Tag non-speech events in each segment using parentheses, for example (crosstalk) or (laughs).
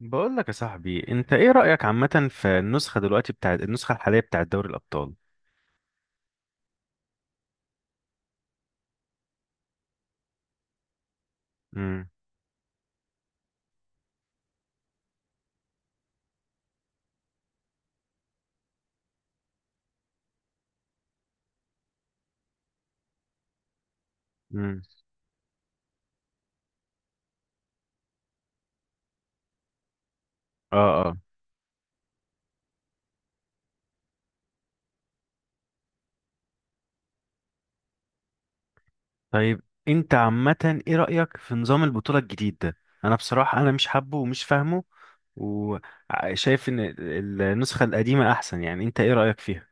بقول لك يا صاحبي، انت ايه رأيك عامة في النسخة دلوقتي بتاعت النسخة الحالية بتاعت دوري الأبطال؟ امم. امم. اه، اه. طيب، انت عامة ايه رأيك في نظام البطولة الجديد ده؟ انا بصراحة انا مش حابه ومش فاهمه، وشايف ان النسخة القديمة احسن. يعني انت ايه رأيك فيها؟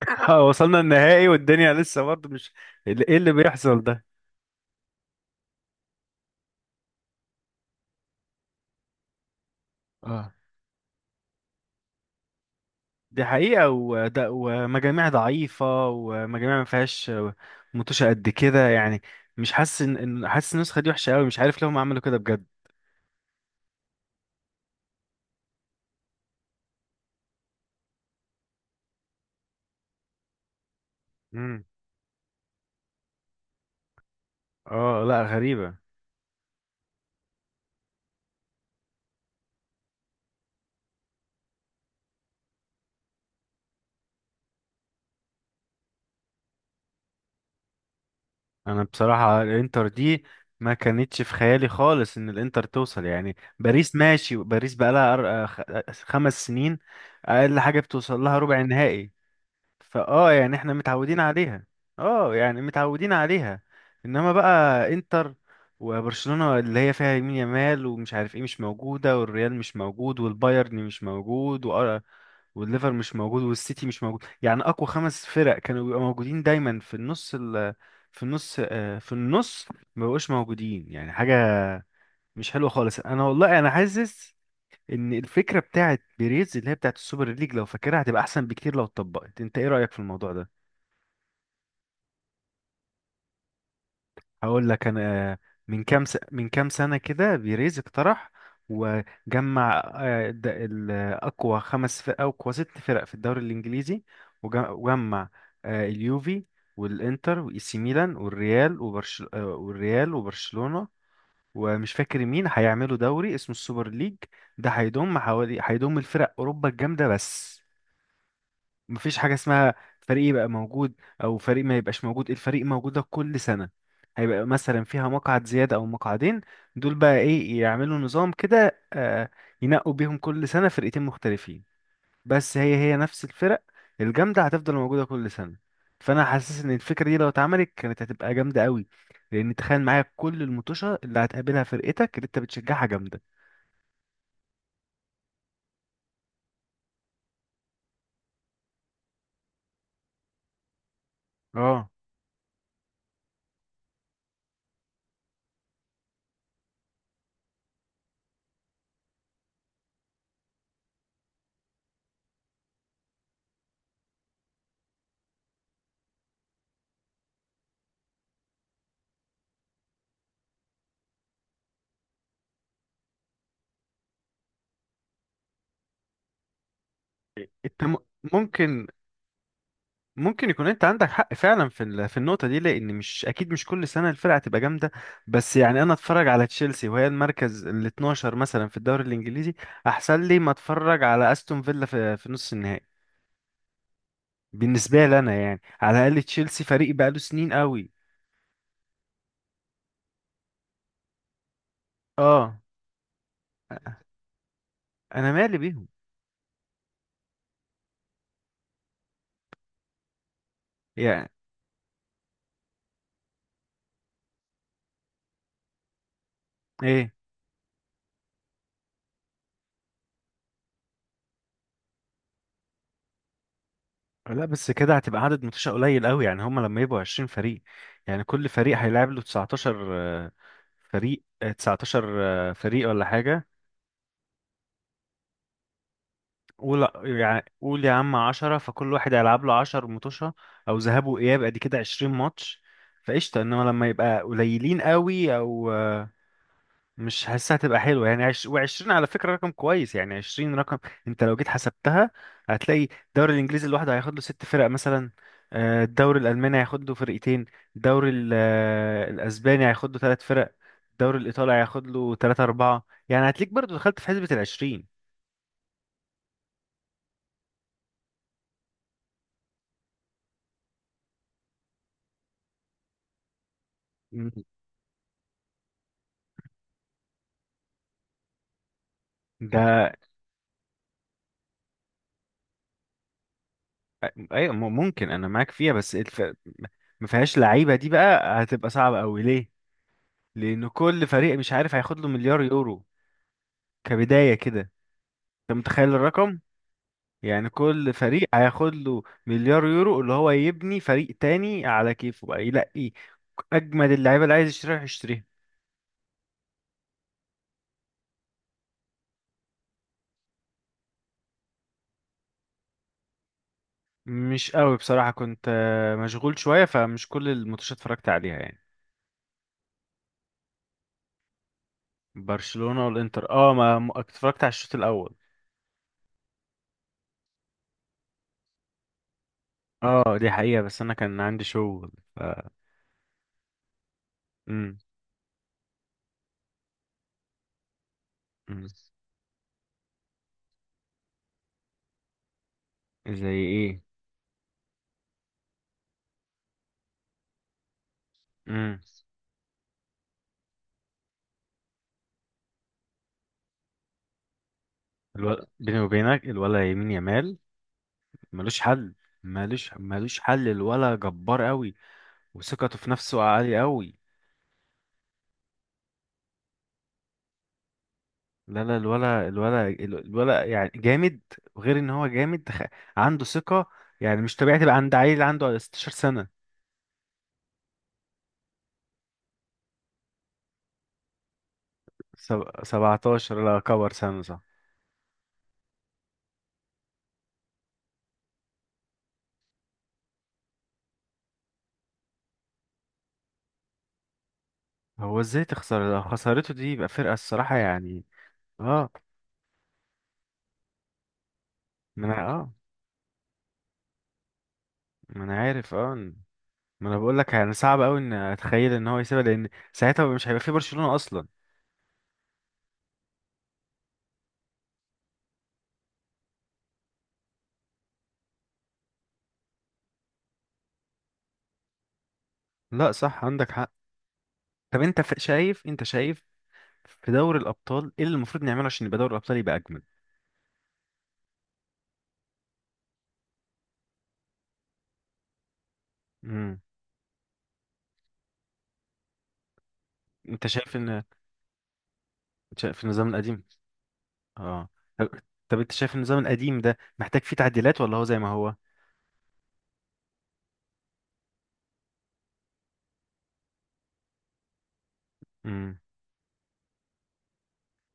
(laughs) وصلنا النهائي والدنيا لسه برضه مش... ايه اللي بيحصل ده؟ اه، دي حقيقة، وده ومجاميع ضعيفة ومجاميع ما فيهاش متوشة قد كده يعني. مش حاسس ان حاسس النسخة دي وحشة قوي، مش عارف ليه هم عملوا كده بجد. امم اه، لا، غريبة. انا بصراحة الانتر دي ما كانتش في خيالي خالص ان الانتر توصل. يعني باريس، ماشي، باريس بقى لها 5 سنين، اقل حاجة بتوصل لها ربع نهائي. فاه يعني احنا متعودين عليها. اه يعني متعودين عليها. انما بقى انتر، وبرشلونة اللي هي فيها يمين يامال ومش عارف ايه مش موجودة، والريال مش موجود، والبايرن مش موجود، والليفر مش موجود، والسيتي مش موجود. يعني اقوى خمس فرق كانوا بيبقوا موجودين دايما في النص ال... في النص آه، في النص ما بقوش موجودين. يعني حاجة مش حلوة خالص. انا والله انا حاسس ان الفكره بتاعت بيريز، اللي هي بتاعت السوبر ليج، لو فاكرها، هتبقى احسن بكتير لو اتطبقت. انت ايه رايك في الموضوع ده؟ هقول لك انا. من من كام سنه كده بيريز اقترح وجمع، اقوى خمس فرق او اقوى ست فرق في الدوري الانجليزي، وجمع اليوفي والانتر واي سي ميلان والريال وبرشلونه، ومش فاكر مين، هيعملوا دوري اسمه السوبر ليج. ده هيضم حوالي، الفرق اوروبا الجامده بس. مفيش حاجة اسمها فريق يبقى موجود أو فريق ما يبقاش موجود. الفريق موجود ده كل سنة. هيبقى مثلا فيها مقعد زيادة أو مقعدين. دول بقى إيه يعملوا نظام كده، ينقوا بيهم كل سنة فرقتين مختلفين. بس هي هي نفس الفرق الجامدة هتفضل موجودة كل سنة. فأنا حاسس إن الفكرة دي لو اتعملت كانت هتبقى جامدة قوي، لأن تخيل معايا كل المطوشة اللي هتقابلها فرقتك اللي أنت بتشجعها جامدة. اه، أنت ممكن ممكن يكون انت عندك حق فعلا في في النقطه دي، لان مش اكيد مش كل سنه الفرقه هتبقى جامده. بس يعني انا اتفرج على تشيلسي وهي المركز ال 12 مثلا في الدوري الانجليزي احسن لي ما اتفرج على استون فيلا في نص النهائي. بالنسبه لي انا، يعني على الاقل تشيلسي فريق بقاله سنين قوي. اه، انا مالي بيهم. يعني ايه، لا بس كده هتبقى عدد ماتشات قليل قوي. يعني هما لما يبقوا 20 فريق، يعني كل فريق هيلعب له 19 فريق، 19 فريق ولا حاجة. قول قول يا عم عشرة، فكل واحد هيلعب له 10 متوشة أو ذهاب وإياب، أدي كده 20 ماتش، فقشطة. إنما لما يبقى قليلين قوي أو مش حاسسها هتبقى حلوة. يعني و20، على فكرة، رقم كويس. يعني 20 رقم أنت لو جيت حسبتها، هتلاقي الدوري الإنجليزي لوحده هياخد له ست فرق مثلا، الدوري الألماني هياخد له فرقتين، الدوري الأسباني هياخد له ثلاث فرق، الدوري الإيطالي هياخد له تلاتة أربعة، يعني هتلاقيك برضو دخلت في حسبة الـ20. مم. ده، ايوه، ممكن انا معاك فيها. بس ما فيهاش لعيبه دي بقى هتبقى صعبه قوي. ليه؟ لان كل فريق مش عارف هياخد له مليار يورو كبدايه كده. انت متخيل الرقم؟ يعني كل فريق هياخد له مليار يورو، اللي هو يبني فريق تاني على كيفه، بقى يلاقي اجمد اللعيبه اللي عايز يشتريها يشتريها. مش قوي بصراحه، كنت مشغول شويه، فمش كل الماتشات اتفرجت عليها يعني. برشلونه والانتر، اه، اتفرجت على الشوط الاول. اه، دي حقيقه بس انا كان عندي شغل. امم امم زي ايه؟ امم بيني وبينك الولا يمين يمال ملوش حل. ملوش حل، الولا جبار قوي وثقته في نفسه عالي قوي. لا، لا، الولا الولا الولا يعني جامد، وغير ان هو جامد عنده ثقة. يعني مش طبيعي تبقى عند عيل عنده 16 سنة. 17. لا كبر سنة، صح. هو ازاي تخسر؟ لو خسارته دي يبقى فرقة الصراحة يعني. اه، ما انا اه ما انا عارف، اه، ما انا بقول لك يعني صعب قوي ان اتخيل ان هو يسيبها، لان ساعتها مش هيبقى في برشلونة اصلا. لا، صح، عندك حق. طب انت شايف، في دوري الابطال ايه اللي المفروض نعمله عشان يبقى دوري الابطال يبقى اجمل؟ امم انت شايف النظام القديم. اه، طب، طب انت شايف النظام القديم ده محتاج فيه تعديلات ولا هو زي ما هو؟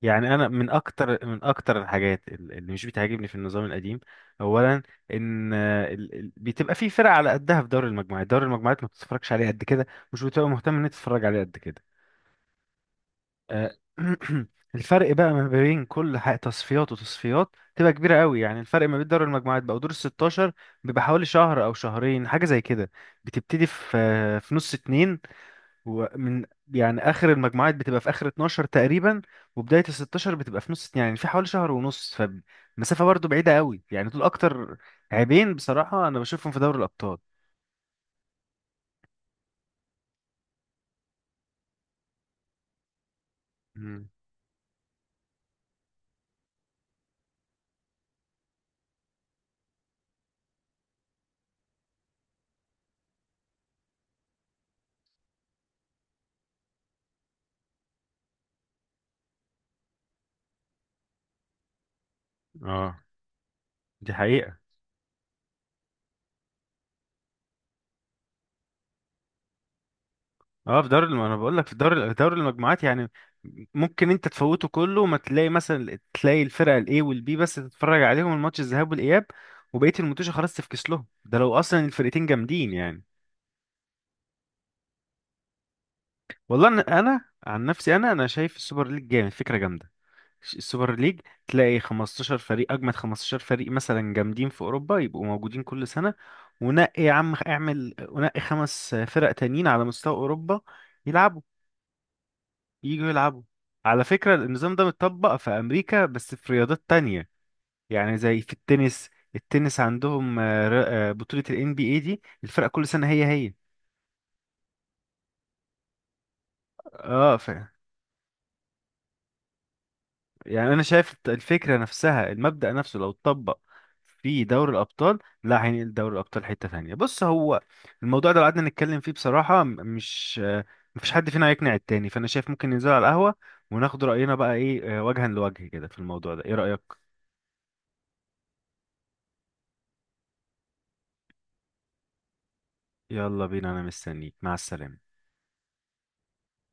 يعني انا من اكتر الحاجات اللي مش بتعجبني في النظام القديم: اولا، ان بتبقى في فرق على قدها في دوري المجموعات. دوري المجموعات ما بتتفرجش عليه قد كده، مش بتبقى مهتم ان انت تتفرج عليه قد كده. آه، (clears throat) الفرق بقى ما بين كل تصفيات وتصفيات تبقى كبيره قوي. يعني الفرق ما بين دوري المجموعات بقى ودور ال 16 بيبقى حوالي شهر او شهرين حاجه زي كده. بتبتدي في نص اتنين، هو من يعني اخر المجموعات بتبقى في اخر 12 تقريبا، وبدايه ال 16 بتبقى في نص، يعني في حوالي شهر ونص. فمسافه برضو بعيده قوي يعني. دول اكتر عيبين بصراحه انا بشوفهم في دوري الابطال. مم. اه، دي حقيقة. اه، انا بقول لك في دوري المجموعات يعني ممكن انت تفوته كله، وما تلاقي مثلا تلاقي الفرقه الاي والبي بس، تتفرج عليهم الماتش الذهاب والاياب، وبقيه الماتش خلاص تفكس لهم، ده لو اصلا الفرقتين جامدين يعني. والله انا، عن نفسي، انا شايف السوبر ليج جامد. فكره جامده السوبر ليج. تلاقي 15 فريق، اجمد 15 فريق مثلا جامدين في اوروبا، يبقوا موجودين كل سنه. ونقي يا عم، اعمل ونقي خمس فرق تانيين على مستوى اوروبا، يلعبوا يجوا يلعبوا. على فكره النظام ده متطبق في امريكا بس في رياضات تانية. يعني زي في التنس عندهم بطوله ال NBA دي، الفرق كل سنه هي هي. اه، يعني انا شايف الفكره نفسها، المبدا نفسه لو اتطبق في دوري الابطال لا هينقل دوري الابطال حته ثانيه. بص، هو الموضوع ده لو قعدنا نتكلم فيه بصراحه م- مش آه، مفيش حد فينا هيقنع التاني. فانا شايف ممكن ننزل على القهوه وناخد راينا بقى ايه وجها لوجه كده في الموضوع ده. ايه رايك؟ يلا بينا، انا مستنيك. مع السلامه.